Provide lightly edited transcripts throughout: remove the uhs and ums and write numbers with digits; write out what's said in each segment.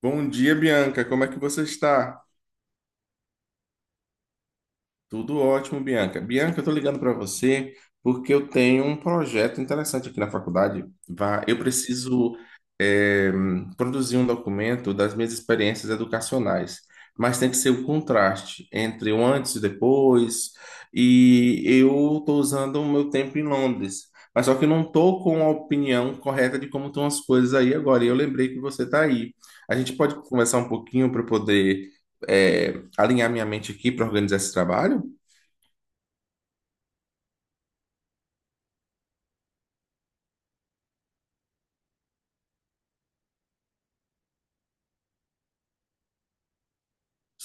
Bom dia, Bianca. Como é que você está? Tudo ótimo, Bianca. Bianca, eu estou ligando para você porque eu tenho um projeto interessante aqui na faculdade. Vá, eu preciso eh, produzir um documento das minhas experiências educacionais, mas tem que ser o contraste entre o antes e depois. E eu estou usando o meu tempo em Londres, mas só que eu não estou com a opinião correta de como estão as coisas aí agora. E eu lembrei que você está aí. A gente pode conversar um pouquinho para poder alinhar minha mente aqui para organizar esse trabalho?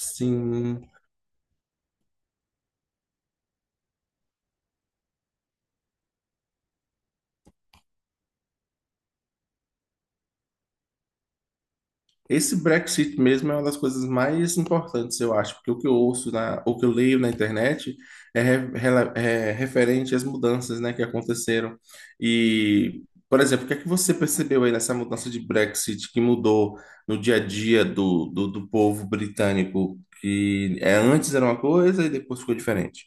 Sim. Esse Brexit mesmo é uma das coisas mais importantes, eu acho, porque o que eu ouço, o que eu leio na internet é referente às mudanças, né, que aconteceram. E, por exemplo, o que é que você percebeu aí nessa mudança de Brexit que mudou no dia a dia do povo britânico, que é, antes era uma coisa e depois ficou diferente?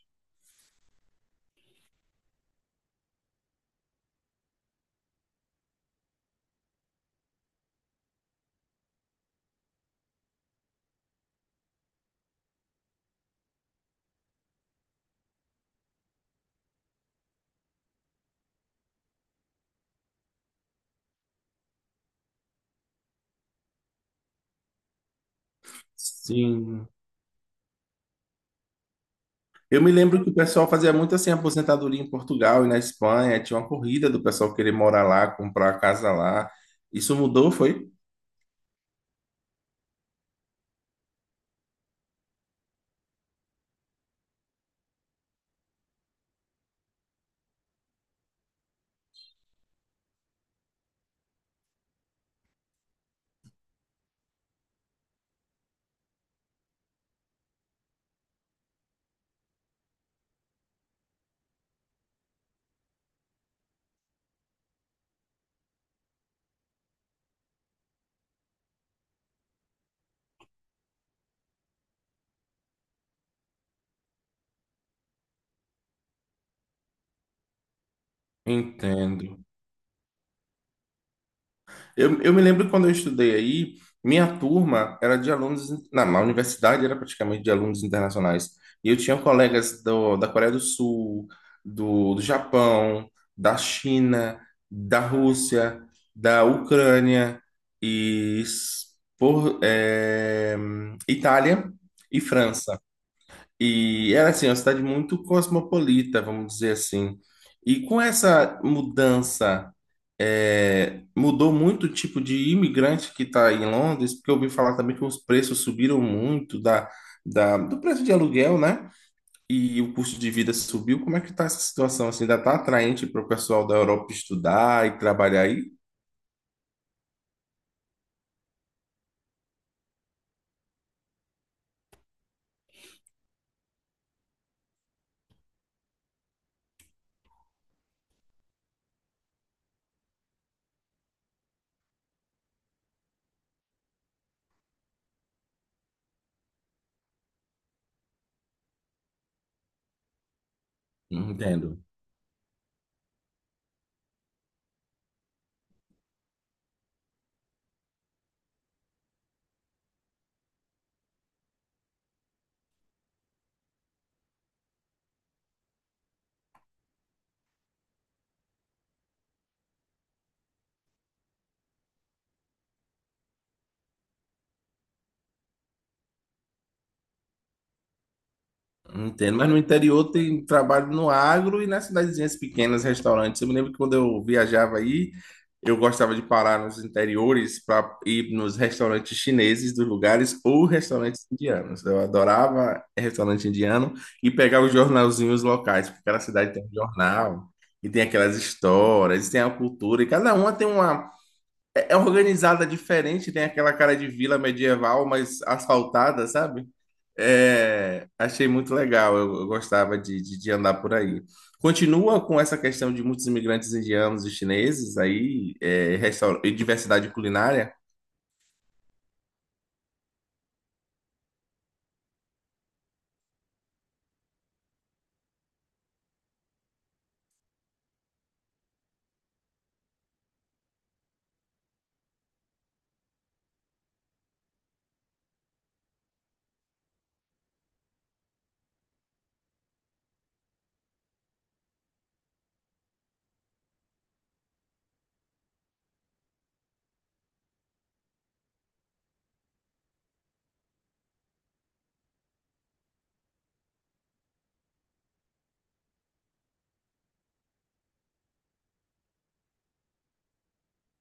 Sim. Eu me lembro que o pessoal fazia muito assim, aposentadoria em Portugal e na Espanha. Tinha uma corrida do pessoal querer morar lá, comprar casa lá. Isso mudou, foi? Entendo. Eu me lembro quando eu estudei aí, minha turma era de alunos, na universidade era praticamente de alunos internacionais. E eu tinha colegas da Coreia do Sul, do Japão, da China, da Rússia, da Ucrânia e s- por, eh, Itália e França. E era assim, uma cidade muito cosmopolita, vamos dizer assim. E com essa mudança, mudou muito o tipo de imigrante que está em Londres, porque eu ouvi falar também que os preços subiram muito do preço de aluguel, né? E o custo de vida subiu. Como é que está essa situação? Assim, ainda está atraente para o pessoal da Europa estudar e trabalhar aí? Entendo. Entendo, mas no interior tem trabalho no agro e nas cidadezinhas pequenas, restaurantes. Eu me lembro que quando eu viajava aí, eu gostava de parar nos interiores para ir nos restaurantes chineses dos lugares ou restaurantes indianos. Eu adorava restaurante indiano e pegar os jornalzinhos locais, porque cada cidade tem um jornal e tem aquelas histórias, e tem a cultura, e cada uma tem uma é organizada diferente, tem aquela cara de vila medieval, mas asfaltada, sabe? É, achei muito legal, eu gostava de andar por aí. Continua com essa questão de muitos imigrantes indianos e chineses aí, e diversidade culinária,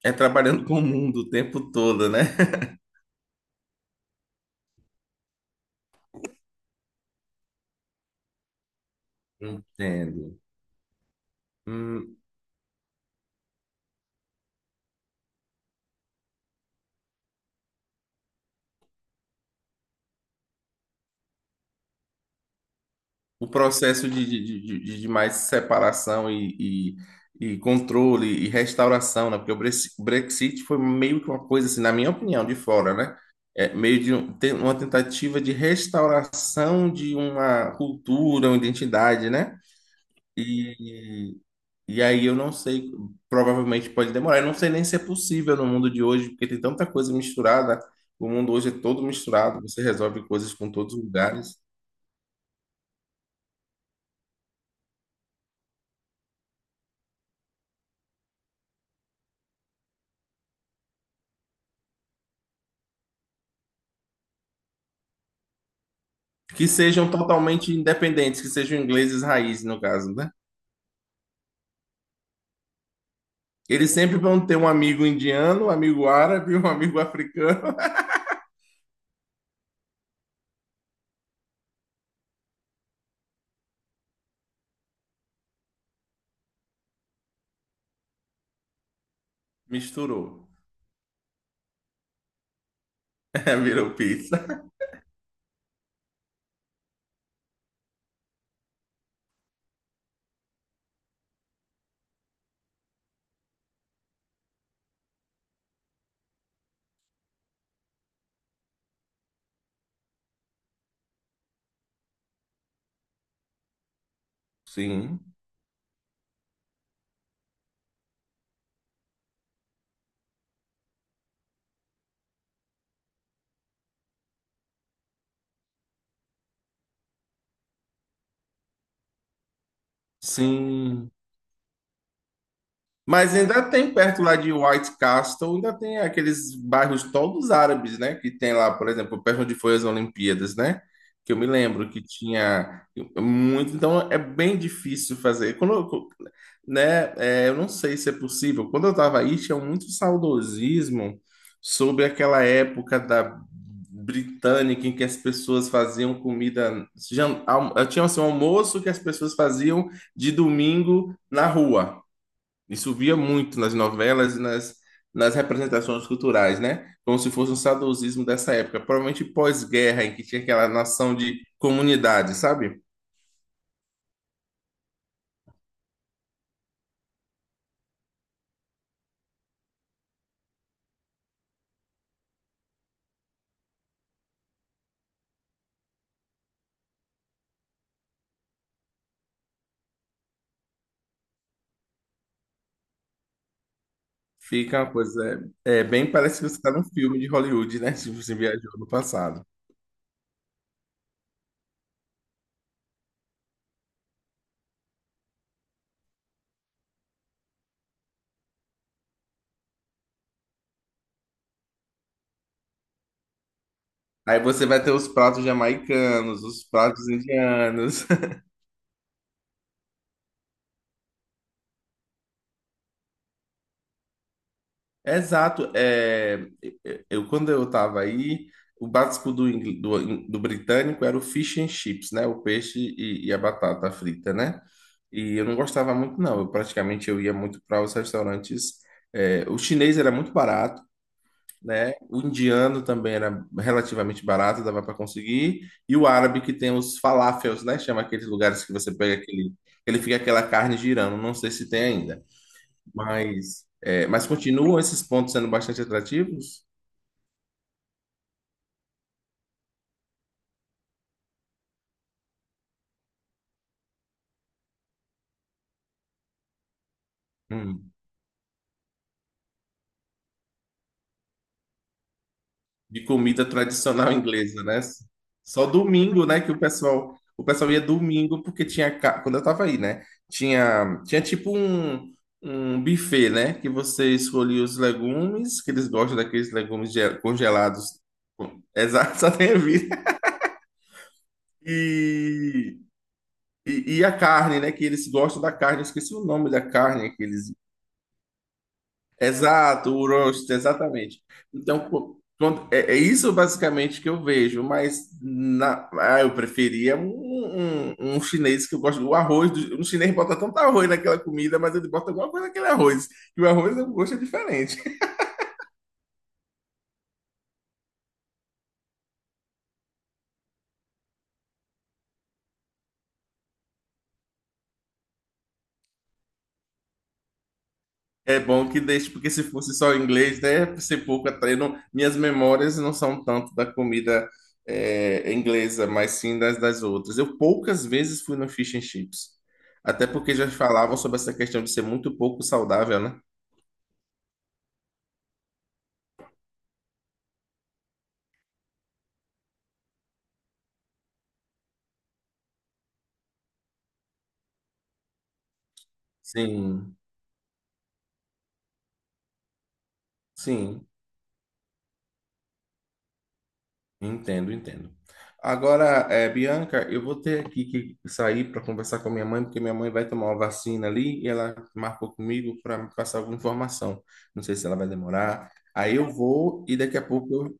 é trabalhando com o mundo o tempo todo, né? Entendo. Hum. O processo de mais separação e controle e restauração, né? Porque o Brexit foi meio que uma coisa assim, na minha opinião, de fora, né? É meio tem uma tentativa de restauração de uma cultura, uma identidade, né? E, e aí eu não sei, provavelmente pode demorar. Eu não sei nem se é possível no mundo de hoje, porque tem tanta coisa misturada. O mundo hoje é todo misturado, você resolve coisas com todos os lugares. Que sejam totalmente independentes, que sejam ingleses raiz, no caso, né? Eles sempre vão ter um amigo indiano, um amigo árabe, um amigo africano. Misturou. Virou pizza. Sim. Sim. Mas ainda tem perto lá de White Castle, ainda tem aqueles bairros todos árabes, né? Que tem lá, por exemplo, perto onde foi as Olimpíadas, né? Que eu me lembro que tinha muito. Então é bem difícil fazer. Né? Eu não sei se é possível. Quando eu estava aí, tinha muito saudosismo sobre aquela época da britânica em que as pessoas faziam comida. Tinha assim, um almoço que as pessoas faziam de domingo na rua. Isso via muito nas novelas e nas representações culturais, né? Como se fosse um saudosismo dessa época, provavelmente pós-guerra, em que tinha aquela noção de comunidade, sabe? Fica uma coisa. É, é bem parece que você está num filme de Hollywood, né? Se você viajou no passado. Aí você vai ter os pratos jamaicanos, os pratos indianos. Exato. É, quando eu estava aí, o básico do britânico era o fish and chips, né? O peixe e a batata frita, né? E eu não gostava muito, não. Eu praticamente eu ia muito para os restaurantes. O chinês era muito barato, né? O indiano também era relativamente barato, dava para conseguir. E o árabe que tem os falafels, né? Chama aqueles lugares que você pega aquele, ele fica aquela carne girando. Não sei se tem ainda. Mas, mas continuam esses pontos sendo bastante atrativos? Hum. De comida tradicional inglesa, né? Só domingo, né? Que o pessoal ia domingo porque tinha, quando eu tava aí, né? Tinha, tinha tipo um buffet, né? Que você escolhia os legumes, que eles gostam daqueles legumes congelados. Exato, só tem a vida. E, e a carne, né? Que eles gostam da carne. Eu esqueci o nome da carne que eles... Exato, o roast, exatamente. Então, é isso basicamente que eu vejo, mas na, ah, eu preferia um chinês que eu gosto do arroz. Do, um chinês bota tanto arroz naquela comida, mas ele bota alguma coisa naquele arroz, que o arroz o gosto é diferente. É bom que deixe, porque se fosse só inglês, né, ser pouco até não, minhas memórias não são tanto da comida inglesa, mas sim das outras. Eu poucas vezes fui no fish and chips, até porque já falavam sobre essa questão de ser muito pouco saudável, né? Sim, sim. Entendo, entendo. Agora, Bianca, eu vou ter aqui que sair para conversar com a minha mãe, porque minha mãe vai tomar uma vacina ali e ela marcou comigo para me passar alguma informação. Não sei se ela vai demorar. Aí eu vou e daqui a pouco eu...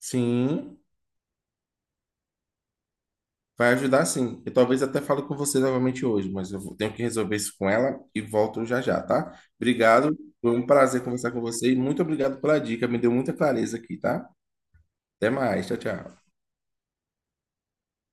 Sim, vai ajudar sim. Eu talvez até fale com você novamente hoje, mas eu tenho que resolver isso com ela e volto já já, tá? Obrigado, foi um prazer conversar com você e muito obrigado pela dica, me deu muita clareza aqui, tá? Até mais, tchau, tchau.